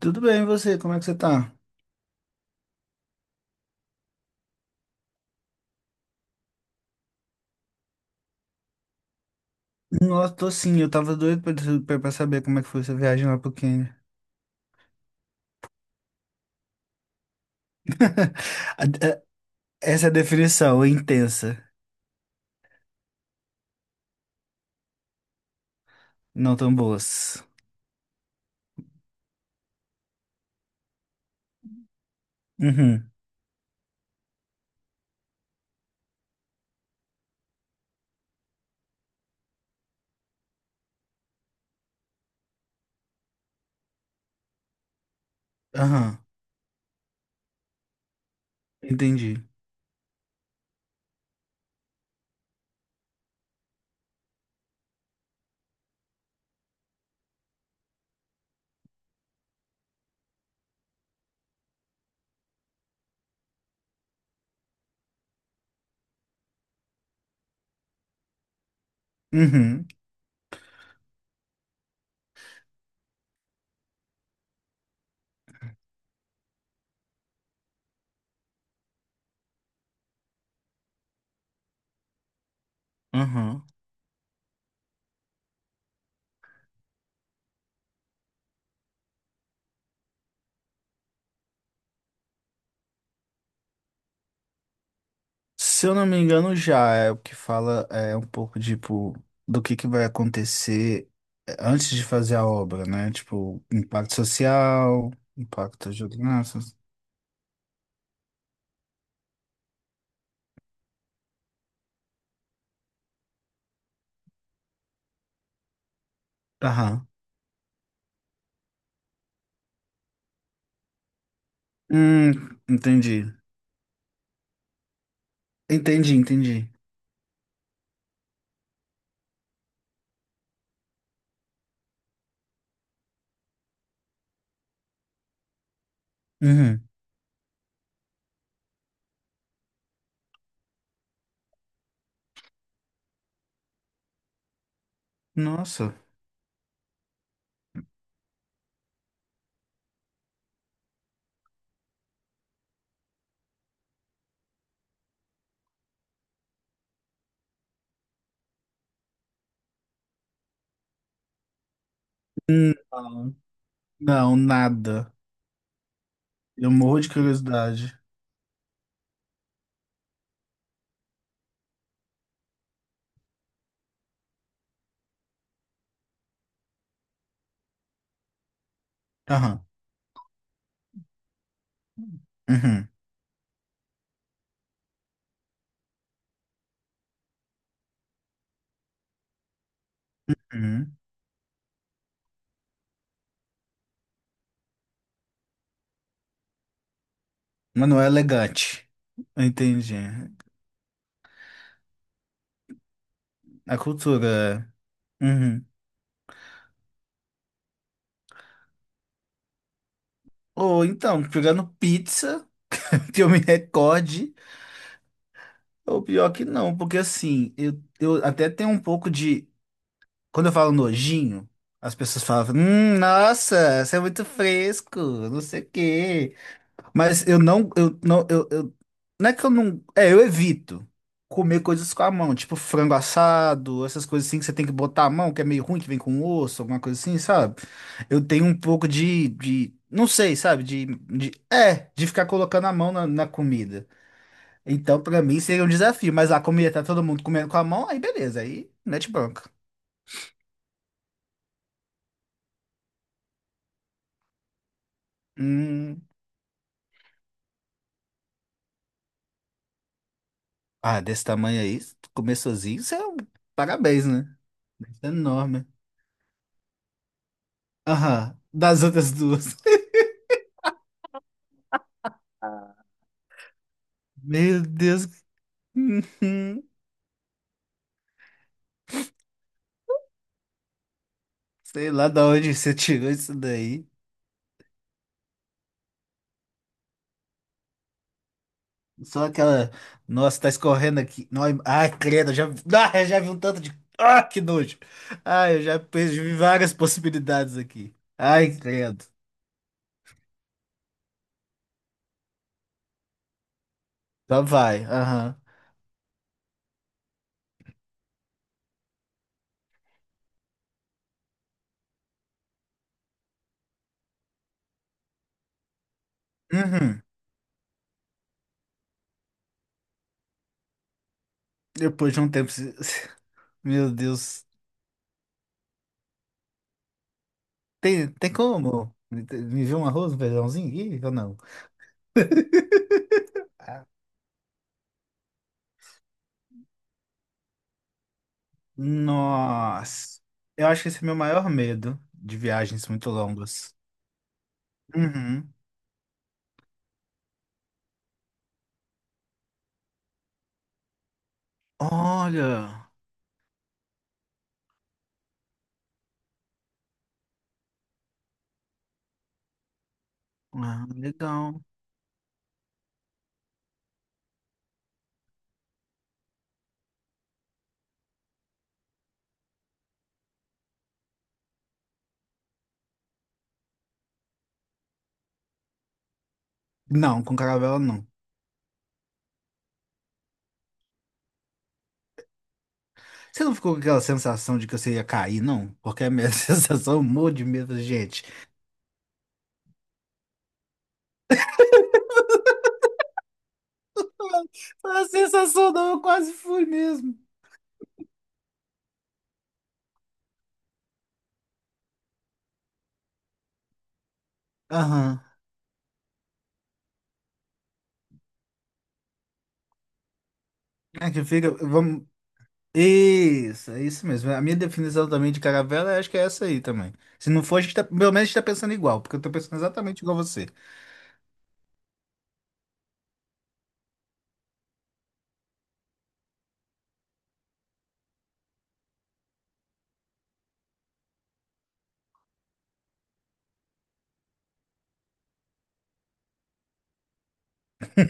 Tudo bem, e você? Como é que você tá? Nossa, tô sim, eu tava doido pra saber como é que foi essa viagem lá pro Quênia. A- a- Essa é a definição, intensa, não tão boas. Uhum, aham, entendi. Uhum, aham. Se eu não me engano, já é o que fala é um pouco, tipo, do que vai acontecer é, antes de fazer a obra, né? Tipo, impacto social, impacto geográfico. Aham. Hum, entendi. Entendi, entendi. Uhum. Nossa. Não, não, nada. Eu morro de curiosidade. Aham. Uhum. Uhum. Mas não é elegante. Entendi. A cultura. É. Uhum. Ou então, pegando pizza, que eu me recorde, ou pior que não, porque assim, eu até tenho um pouco de. Quando eu falo nojinho, as pessoas falam, nossa, você é muito fresco, não sei o quê. Mas eu não, eu não, eu- não é que eu não, é, eu evito comer coisas com a mão, tipo frango assado, essas coisas assim que você tem que botar a mão, que é meio ruim, que vem com osso, alguma coisa assim, sabe? Eu tenho um pouco de, não sei, sabe? De ficar colocando a mão na comida. Então, pra mim, seria um desafio, mas a comida tá todo mundo comendo com a mão, aí beleza, aí mete bronca. Hum, ah, desse tamanho aí, comer sozinho, isso é um parabéns, né? Isso é enorme. Aham, das outras duas. Meu Deus. Sei lá da onde você tirou isso daí. Só aquela. Nossa, tá escorrendo aqui. Ai, credo, eu já vi um tanto de. Ah, que nojo. Ai, eu já perdi várias possibilidades aqui. Ai, credo. Só vai. Aham. Uhum. Depois de um tempo. Meu Deus. Tem como? Me viu um arroz, um feijãozinho? Ih, ou não? Ah, nossa. Eu acho que esse é meu maior medo de viagens muito longas. Uhum. Olha, ah, legal. Não, com caravela não. Você não ficou com aquela sensação de que você ia cair, não? Porque a minha sensação, eu morro de medo, da gente. A sensação não, eu quase fui mesmo. Aham. É que fica, vamos. Isso, é isso mesmo. A minha definição também de caravela, eu acho que é essa aí também. Se não for, a gente tá, pelo menos a gente tá pensando igual, porque eu tô pensando exatamente igual você.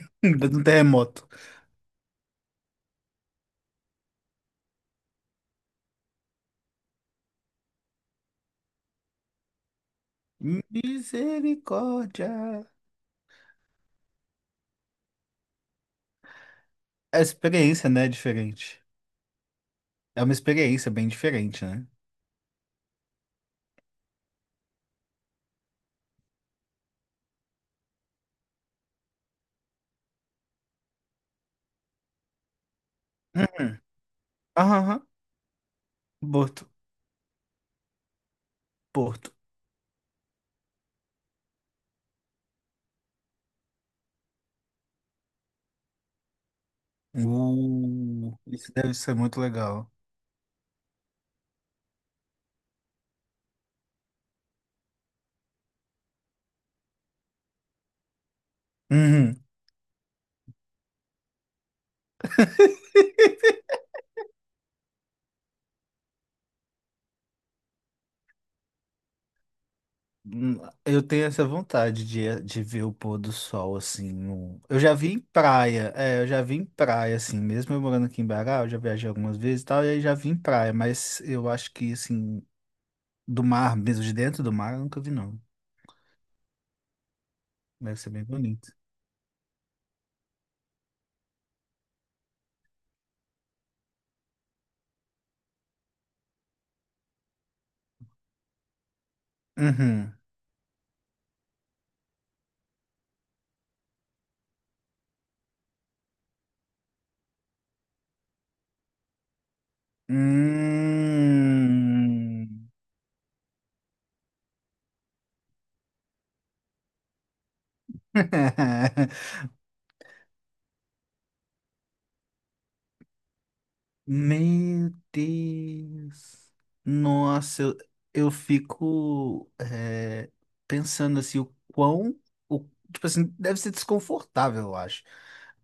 No terremoto. Misericórdia. É a experiência, né, é diferente. É uma experiência bem diferente, né? Aham, aham. Porto, Porto. Isso deve ser muito legal. Uhum. Hum. Eu tenho essa vontade de ver o pôr do sol, assim. Eu já vi em praia, é, eu já vi em praia, assim. Mesmo eu morando aqui em Bará, eu já viajei algumas vezes e tal, e aí já vi em praia, mas eu acho que, assim, do mar, mesmo de dentro do mar, eu nunca vi, não. Deve ser bem bonito. Uhum. Hum. Meu Deus. Nossa, eu fico é, pensando assim, o quão. O, tipo assim, deve ser desconfortável, eu acho.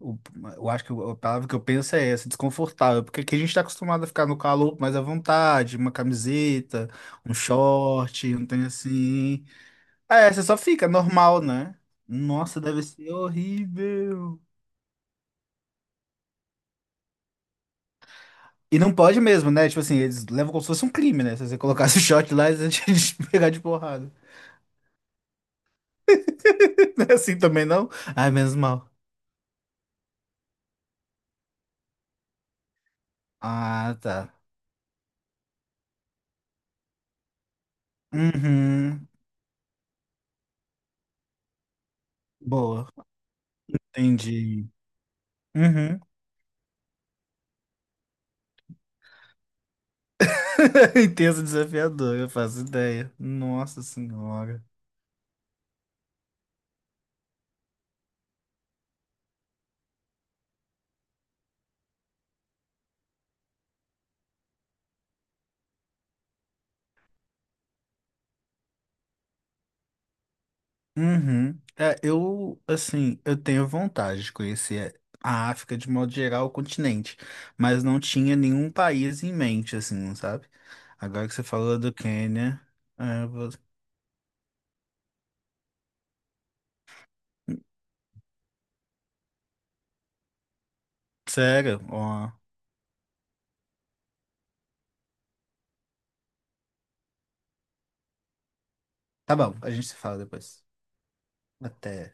O- eu acho que a palavra que eu penso é essa, desconfortável, porque aqui a gente está acostumado a ficar no calor mais à vontade, uma camiseta, um short, um tem assim. É, você só fica é normal, né? Nossa, deve ser horrível. E não pode mesmo, né? Tipo assim, eles levam como se fosse um crime, né? Se você colocasse o shot lá, eles iam te pegar de porrada. Não é assim também, não? Ai, menos mal. Ah, tá. Uhum. Boa. Entendi. Uhum. Intenso desafiador, eu faço ideia. Nossa senhora. Uhum. É, eu, assim, eu tenho vontade de conhecer a África de modo geral, o continente, mas não tinha nenhum país em mente, assim, sabe? Agora que você falou do Quênia, é, sério, ó. Tá bom, a gente se fala depois. Até.